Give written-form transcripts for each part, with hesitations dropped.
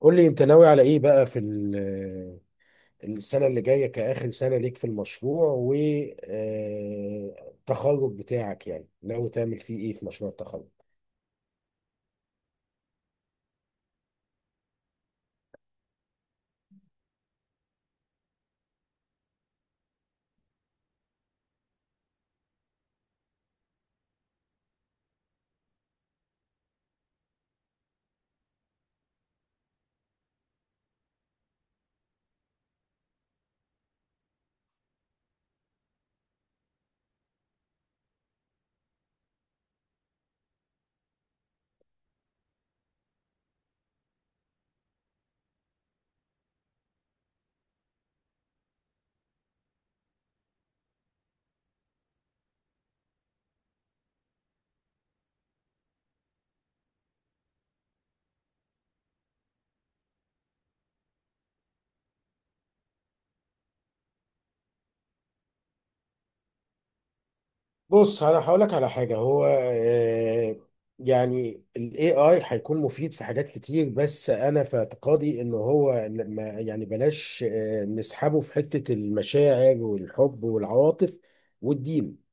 قول لي انت ناوي على ايه بقى السنة اللي جاية كآخر سنة ليك في المشروع والتخرج بتاعك، يعني ناوي تعمل فيه ايه في مشروع التخرج؟ بص انا هقولك على حاجة. هو آه، يعني ال AI هيكون مفيد في حاجات كتير، بس انا في اعتقادي ان هو لما يعني بلاش نسحبه في حتة المشاعر والحب والعواطف والدين.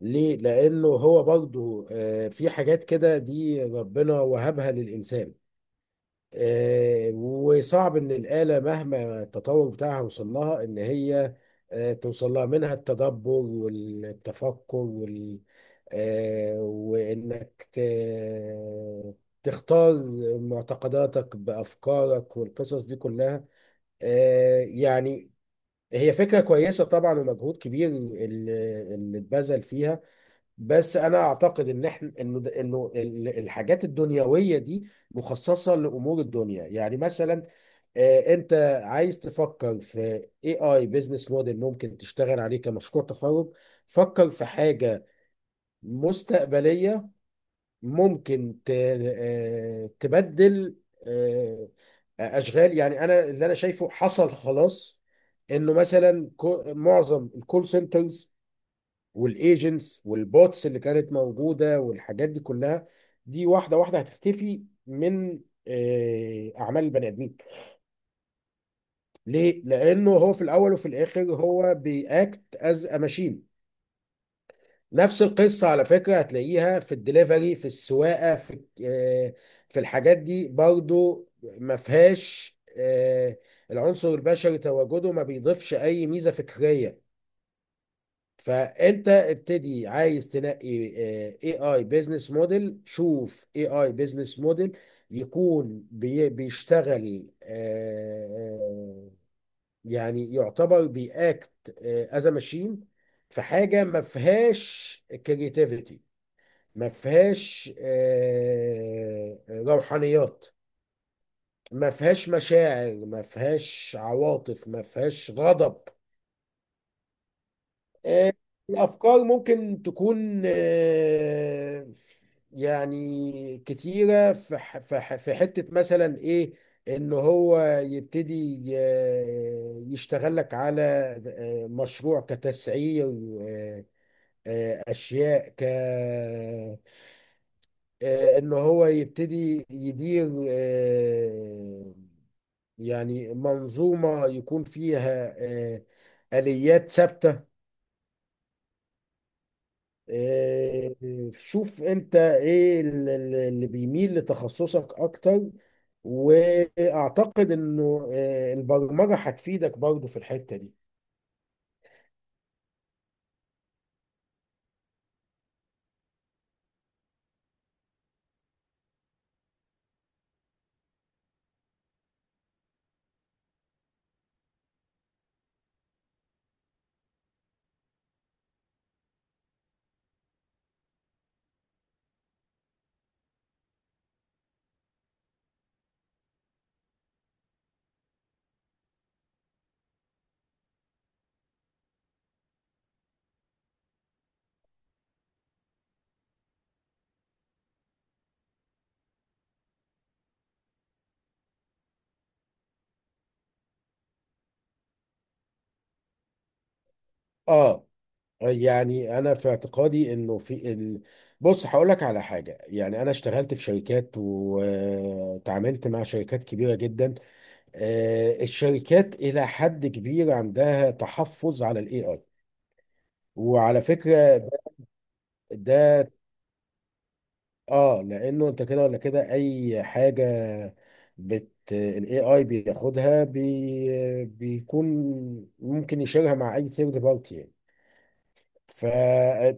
ليه؟ لأنه هو برضه في حاجات كده دي ربنا وهبها للإنسان. وصعب إن الآلة مهما التطور بتاعها وصل لها إن هي توصل لها، منها التدبر والتفكر وال آه، وإنك تختار معتقداتك بأفكارك والقصص دي كلها. يعني هي فكرة كويسة طبعا، ومجهود كبير اللي اتبذل فيها. بس انا اعتقد ان احنا انه ده- انه ال- الحاجات الدنيويه دي مخصصه لامور الدنيا. يعني مثلا انت عايز تفكر في اي اي بزنس موديل ممكن تشتغل عليه كمشروع تخرج، فكر في حاجه مستقبليه ممكن تبدل آه، اشغال. يعني انا اللي انا شايفه حصل خلاص، انه مثلا معظم الكول سنترز والايجنتس والبوتس اللي كانت موجوده والحاجات دي كلها، دي واحده واحده هتختفي من اعمال البني ادمين. ليه؟ لانه هو في الاول وفي الاخر هو بياكت از ماشين. نفس القصه على فكره هتلاقيها في الدليفري، في السواقه، آه، في الحاجات دي برضو. ما فيهاش العنصر البشري، تواجده ما بيضيفش اي ميزه فكريه. فانت ابتدي عايز تنقي اي اي بيزنس موديل، شوف اي اي بيزنس موديل يكون بيشتغل، يعني يعتبر بياكت از ماشين، في حاجه ما فيهاش كرياتيفيتي، ما فيهاش روحانيات، ما فيهاش مشاعر، ما فيهاش عواطف، ما فيهاش غضب. آه، الأفكار ممكن تكون يعني كتيرة في حتة مثلا إيه، إن هو يبتدي يشتغل لك على مشروع كتسعير، آه، أشياء ك آه، إن هو يبتدي يدير يعني منظومة يكون فيها آه، آليات ثابتة. آه، شوف انت ايه اللي بيميل لتخصصك اكتر، واعتقد انه البرمجة هتفيدك برضو في الحتة دي. اه، يعني انا في اعتقادي انه في ال... بص هقول لك على حاجه، يعني انا اشتغلت في شركات وتعاملت مع شركات كبيره جدا. الشركات الى حد كبير عندها تحفظ على الاي اي، وعلى فكره ده. اه، لانه انت كده ولا كده اي حاجه بت الاي اي بياخدها بيكون ممكن يشيرها مع اي ثيرد بارتي يعني. ف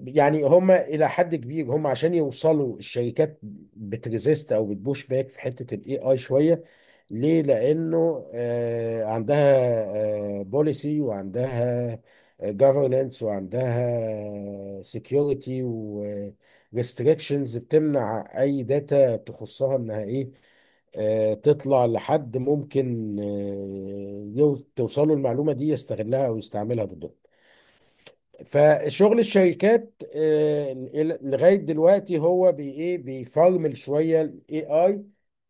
يعني هم الى حد كبير، هم عشان يوصلوا الشركات بتريزيست او بتبوش باك في حته الاي اي شويه. ليه؟ لأنه عندها بوليسي، وعندها governance، وعندها security، و restrictions بتمنع أي داتا تخصها إنها إيه، تطلع لحد ممكن توصله المعلومة دي يستغلها أو يستعملها ضده. فشغل الشركات لغايه دلوقتي هو بي ايه بيفرمل شويه الاي اي،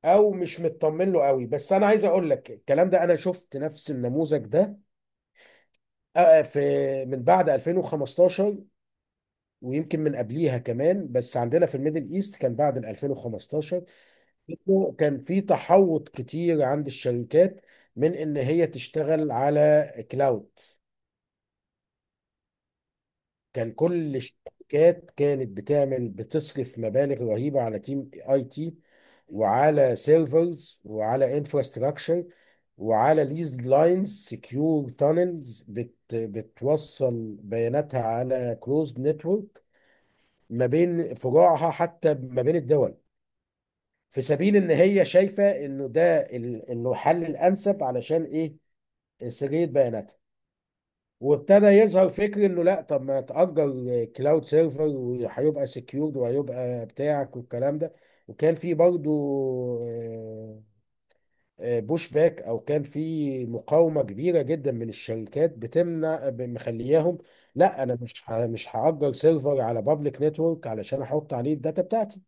او مش مطمن له قوي. بس انا عايز اقول لك الكلام ده، انا شفت نفس النموذج ده في من بعد 2015، ويمكن من قبليها كمان، بس عندنا في الميدل ايست كان بعد ال 2015. إنه كان في تحوط كتير عند الشركات من ان هي تشتغل على كلاود. كان كل الشركات كانت بتعمل بتصرف مبالغ رهيبة على تيم اي تي، وعلى سيرفرز، وعلى انفراستراكشر، وعلى ليز لاينز سكيور تانلز بت بتوصل بياناتها على كلوزد نتورك ما بين فروعها، حتى ما بين الدول، في سبيل ان هي شايفة انه انه الحل الانسب علشان ايه، سرية بياناتها. وابتدى يظهر فكر انه لا طب ما تأجر كلاود سيرفر وهيبقى سكيورد وهيبقى بتاعك والكلام ده. وكان في برضه بوش باك، او كان في مقاومه كبيره جدا من الشركات بتمنع مخلياهم، لا انا مش هأجر سيرفر على بابليك نتورك علشان احط عليه الداتا بتاعتي.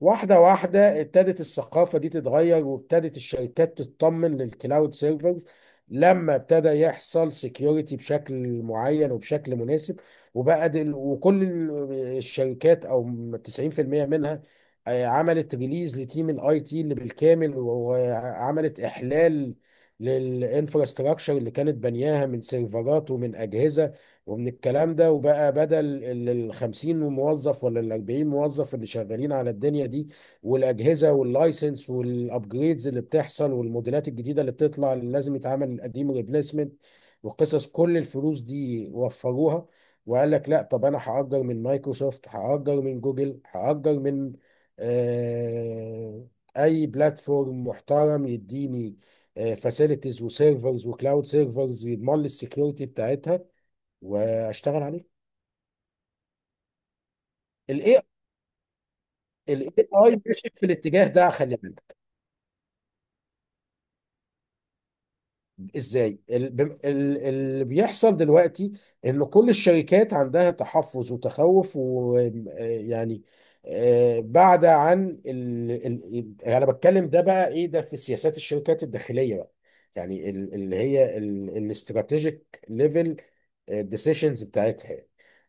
واحدة واحدة ابتدت الثقافة دي تتغير، وابتدت الشركات تطمن للكلاود سيرفرز لما ابتدى يحصل سكيورتي بشكل معين وبشكل مناسب، وبقى دل وكل الشركات، او 90% منها عملت ريليز لتيم الاي تي اللي بالكامل، وعملت احلال للانفراستراكشر اللي كانت بنياها من سيرفرات ومن اجهزة ومن الكلام ده. وبقى بدل ال 50 موظف ولا ال 40 موظف اللي شغالين على الدنيا دي والاجهزه واللايسنس والابجريدز اللي بتحصل والموديلات الجديده اللي بتطلع اللي لازم يتعمل القديم ريبليسمنت وقصص كل الفلوس دي، وفروها. وقال لك لا طب انا هاجر من مايكروسوفت، هاجر من جوجل، هاجر من آه، اي بلاتفورم محترم يديني فاسيلتيز وسيرفرز وكلاود سيرفرز يضمن لي السكيورتي بتاعتها، واشتغل عليه. الاي الاي اي ماشي في الاتجاه ده، خلي بالك. ازاي؟ اللي بيحصل دلوقتي ان كل الشركات عندها تحفظ وتخوف، ويعني بعد عن انا بتكلم ده بقى ايه ده، في سياسات الشركات الداخليه بقى، يعني اللي هي الاستراتيجيك ليفل الديسيشنز بتاعتها.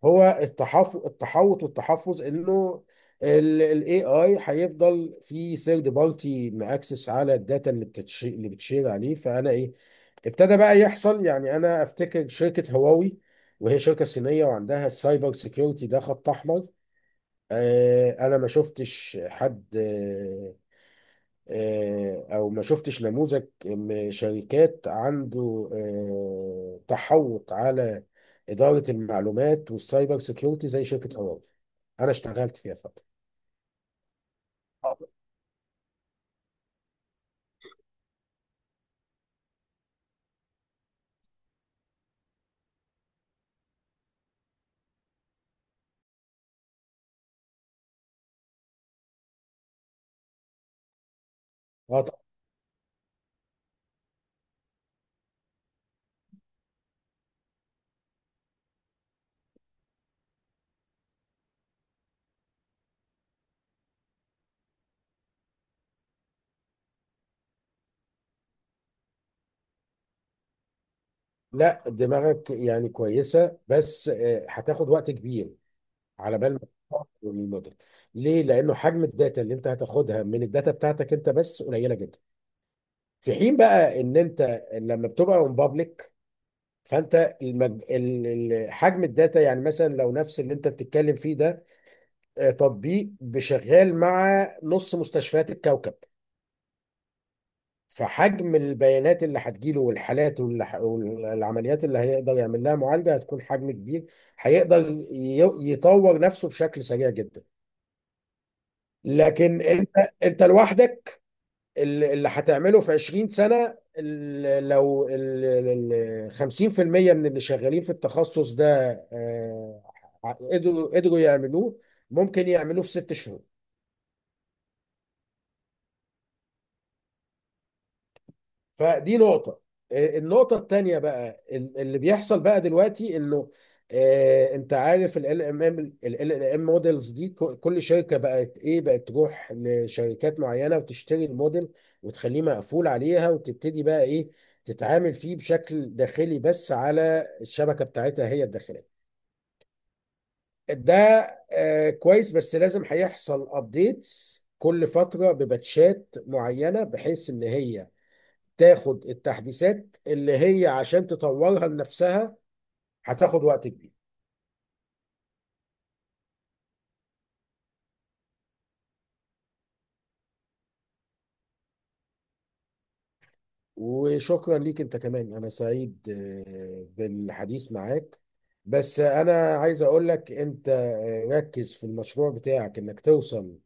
هو التحوط والتحفظ انه الاي اي هيفضل في ثيرد بارتي ماكسس على الداتا اللي بتشير عليه. فانا ايه، ابتدى بقى يحصل. يعني انا افتكر شركه هواوي، وهي شركه صينيه وعندها السايبر سيكيورتي ده خط احمر. انا ما شفتش حد او ما شفتش نموذج شركات عنده تحوط على اداره المعلومات والسايبر سيكيورتي زي شركه هواوي. انا اشتغلت فيها فتره. آه، اه طبعا. لا دماغك يعني كويسه، بس هتاخد وقت كبير على بال ما تطور الموديل. ليه؟ لانه حجم الداتا اللي انت هتاخدها من الداتا بتاعتك انت بس قليله جدا، في حين بقى ان انت لما بتبقى اون، فانت حجم الداتا، يعني مثلا لو نفس اللي انت بتتكلم فيه ده تطبيق بشغال مع نص مستشفيات الكوكب، فحجم البيانات اللي هتجيله والحالات والعمليات اللي هيقدر يعمل لها معالجة هتكون حجم كبير، هيقدر يطور نفسه بشكل سريع جدا. لكن انت لوحدك، اللي هتعمله في 20 سنة، لو 50% من اللي شغالين في التخصص ده آه، قدروا يعملوه، ممكن يعملوه في ست شهور. فدي نقطة. النقطة التانية بقى، اللي بيحصل بقى دلوقتي انه انت عارف ال ام موديلز دي، كل شركة بقت ايه، بقت تروح لشركات معينة وتشتري الموديل وتخليه مقفول عليها، وتبتدي بقى ايه، تتعامل فيه بشكل داخلي بس على الشبكة بتاعتها هي الداخلية ده. كويس، بس لازم هيحصل ابديتس كل فترة بباتشات معينة بحيث ان هي تاخد التحديثات اللي هي عشان تطورها لنفسها، هتاخد وقت كبير. وشكرا ليك انت كمان، انا سعيد بالحديث معاك. بس انا عايز اقول لك انت ركز في المشروع بتاعك، انك توصل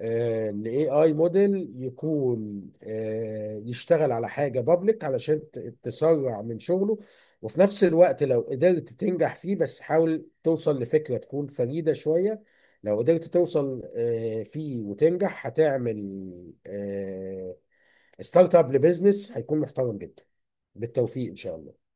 الاي اي موديل يكون يشتغل على حاجه بابليك علشان تسرع من شغله، وفي نفس الوقت لو قدرت تنجح فيه. بس حاول توصل لفكره تكون فريده شويه، لو قدرت توصل فيه وتنجح، هتعمل ستارت اب لبزنس هيكون محترم جدا. بالتوفيق ان شاء الله.